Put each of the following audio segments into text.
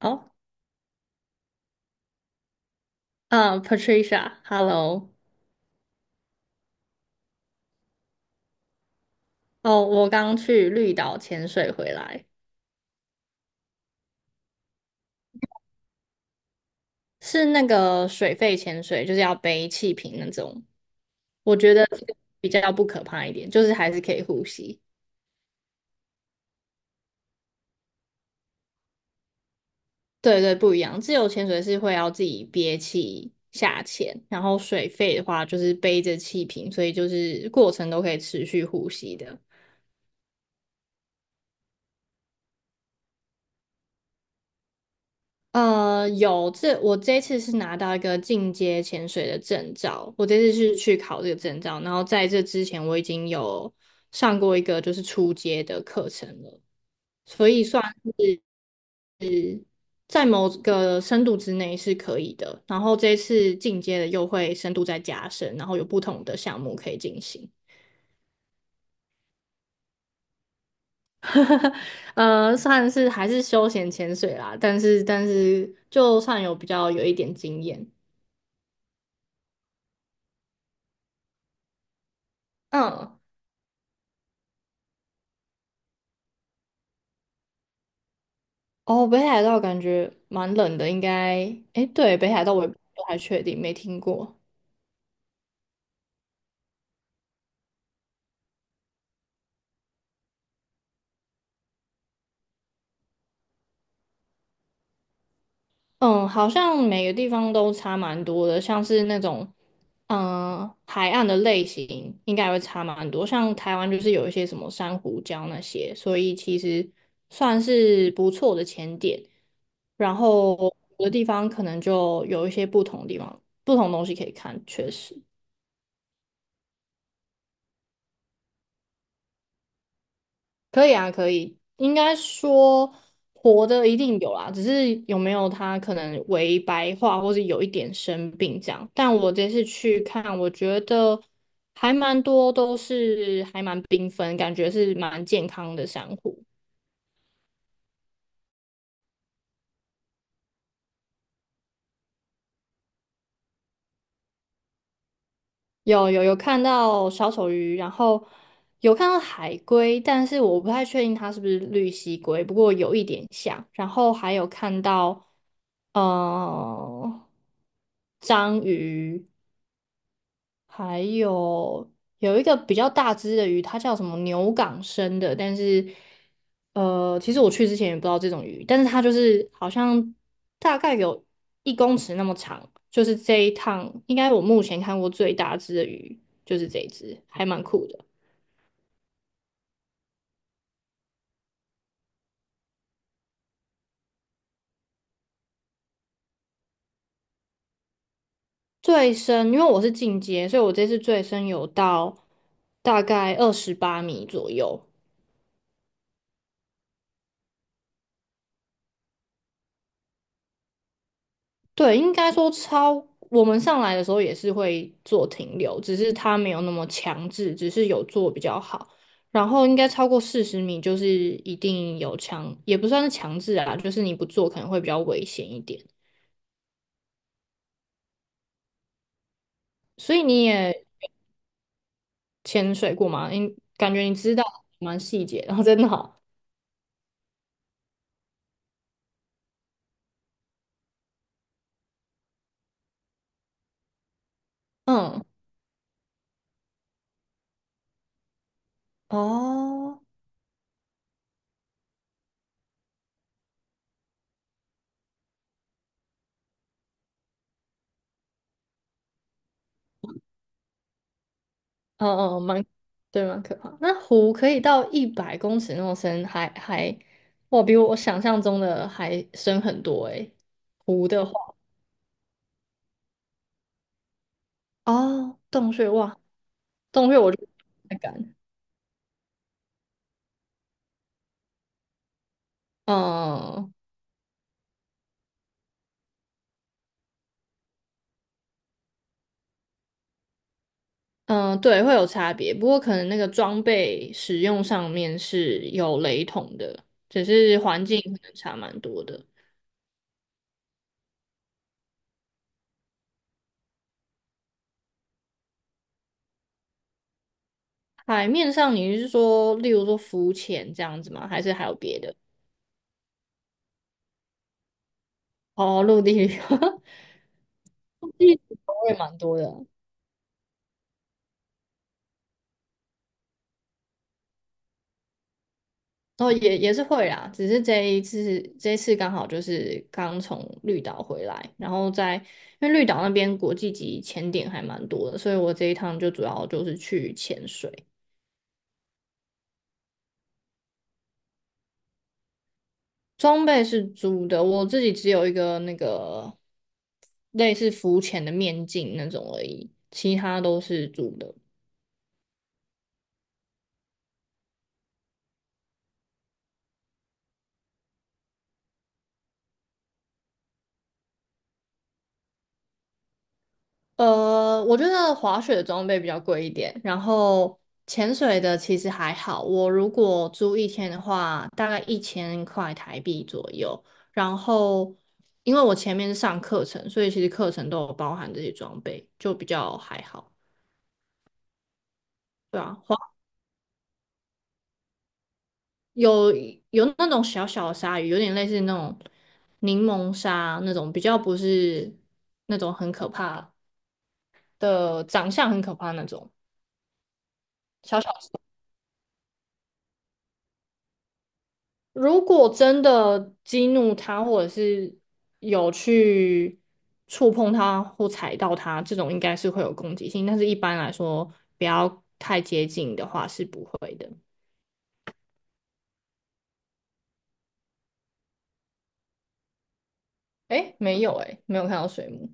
哦，嗯，Patricia，Hello，哦，我刚去绿岛潜水回来，是那个水肺潜水，就是要背气瓶那种。我觉得这个比较不可怕一点，就是还是可以呼吸。对对，不一样。自由潜水是会要自己憋气下潜，然后水肺的话就是背着气瓶，所以就是过程都可以持续呼吸的。我这一次是拿到一个进阶潜水的证照，我这次是去考这个证照，然后在这之前我已经有上过一个就是初阶的课程了，所以算在某个深度之内是可以的。然后这一次进阶的又会深度再加深，然后有不同的项目可以进行。算是还是休闲潜水啦，但是就算有比较有一点经验，嗯。哦，北海道感觉蛮冷的，应该，诶，对，北海道我也不太确定，没听过。嗯，好像每个地方都差蛮多的，像是那种，海岸的类型应该也会差蛮多。像台湾就是有一些什么珊瑚礁那些，所以其实算是不错的前点。然后有的地方可能就有一些不同地方、不同东西可以看，确实。可以啊，可以。应该说活的一定有啦，只是有没有它可能微白化，或是有一点生病这样。但我这次去看，我觉得还蛮多都是还蛮缤纷，感觉是蛮健康的珊瑚。有看到小丑鱼，然后有看到海龟，但是我不太确定它是不是绿蜥龟，不过有一点像。然后还有看到呃章鱼，还有有一个比较大只的鱼，它叫什么牛港生的，但是其实我去之前也不知道这种鱼，但是它就是好像大概有1公尺那么长，就是这一趟应该我目前看过最大只的鱼就是这一只，还蛮酷的。最深，因为我是进阶，所以我这次最深有到大概28米左右。对，应该说，我们上来的时候也是会做停留，只是它没有那么强制，只是有做比较好。然后应该超过40米就是一定有强，也不算是强制啊，就是你不做可能会比较危险一点。所以你也潜水过吗？你感觉你知道蛮细节，然后真的好，嗯。哦。嗯嗯，对，蛮可怕。那湖可以到100公尺那么深，哇，比我想象中的还深很多诶。湖的话，哦，洞穴，哇，洞穴我就不太敢。嗯嗯，对，会有差别，不过可能那个装备使用上面是有雷同的，只是环境可能差蛮多的。海面上你是说，例如说浮潜这样子吗？还是还有别的？哦，陆地旅游，陆地我也蛮多的。哦，也是会啦，只是这一次刚好就是刚从绿岛回来，然后因为绿岛那边国际级潜点还蛮多的，所以我这一趟就主要就是去潜水。装备是租的，我自己只有一个那个类似浮潜的面镜那种而已，其他都是租的。我觉得滑雪的装备比较贵一点，然后潜水的其实还好。我如果租1天的话，大概1000块台币左右。然后，因为我前面是上课程，所以其实课程都有包含这些装备，就比较还好。对啊，有有那种小小的鲨鱼，有点类似那种柠檬鲨那种，比较不是那种很可怕的，长相很可怕那种。小小。如果真的激怒它，或者是有去触碰它或踩到它，这种应该是会有攻击性，但是一般来说，不要太接近的话是不会的。诶，没有诶，没有看到水母，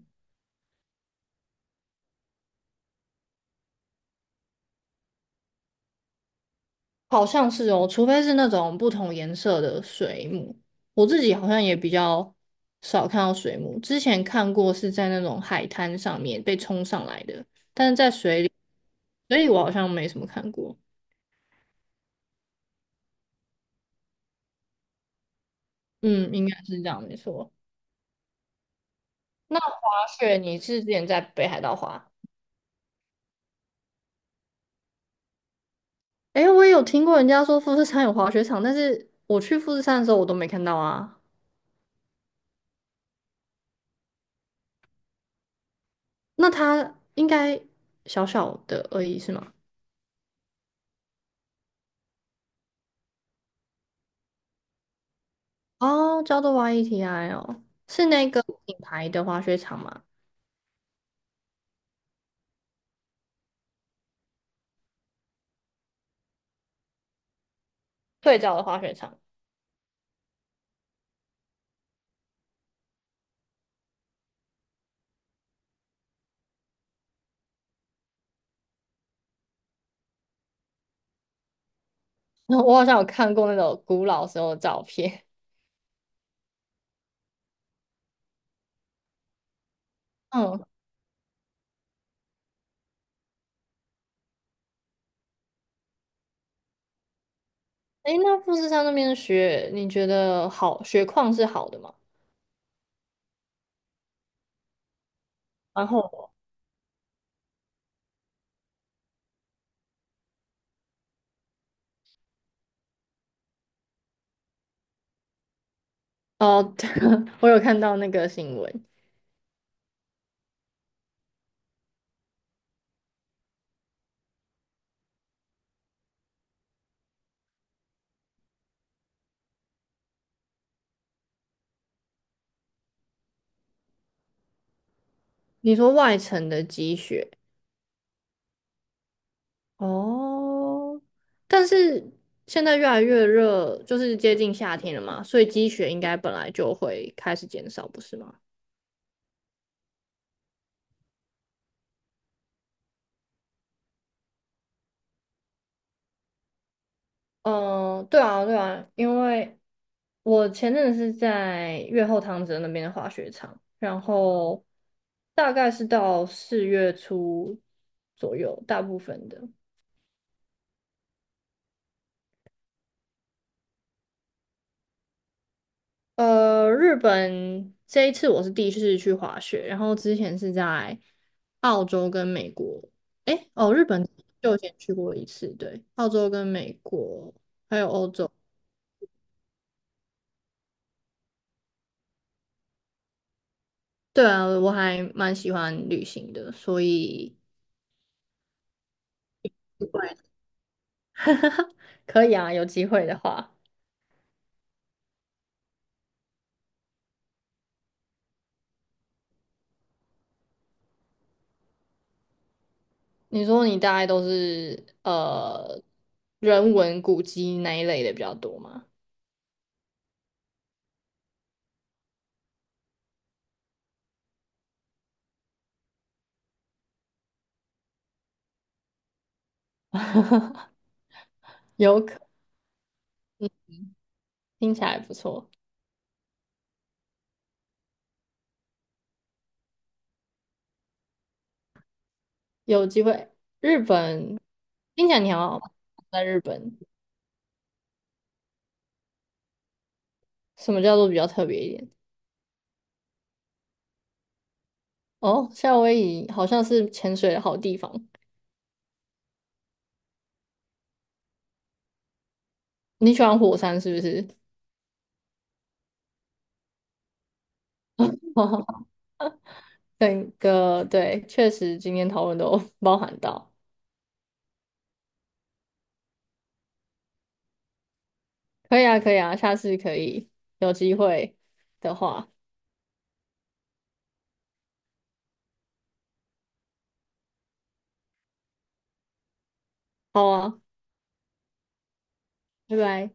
好像是哦，除非是那种不同颜色的水母。我自己好像也比较少看到水母，之前看过是在那种海滩上面被冲上来的，所以我好像没什么看过。嗯，应该是这样，没错。那。雪，你是之前在北海道滑？诶，我也有听过人家说富士山有滑雪场，但是我去富士山的时候我都没看到啊。那它应该小小的而已是吗？哦，叫做 YETI 哦，是那个品牌的滑雪场吗？最早的滑雪场，我好像有看过那种古老时候的照片。嗯，诶，那富士山那边的雪，你觉得雪况是好的吗？然后哦，对我有看到那个新闻，你说外层的积雪。哦，但是现在越来越热，就是接近夏天了嘛，所以积雪应该本来就会开始减少，不是吗？嗯，对啊，对啊，因为我前阵子是在越后汤泽那边的滑雪场，然后大概是到4月初左右，大部分的。日本这一次我是第一次去滑雪，然后之前是在澳洲跟美国，诶，哦，日本就以前去过一次，对，澳洲跟美国还有欧洲，对啊，我还蛮喜欢旅行的，所以可以啊，有机会的话，你说你大概都是人文古迹那一类的比较多吗？有可，听起来不错。有机会，日本听起来你好像在日本，什么叫做比较特别一点？哦，夏威夷好像是潜水的好地方。你喜欢火山是不是？整个对，确实今天讨论都 包含到。可以啊，可以啊，下次可以有机会的话，好啊，拜拜。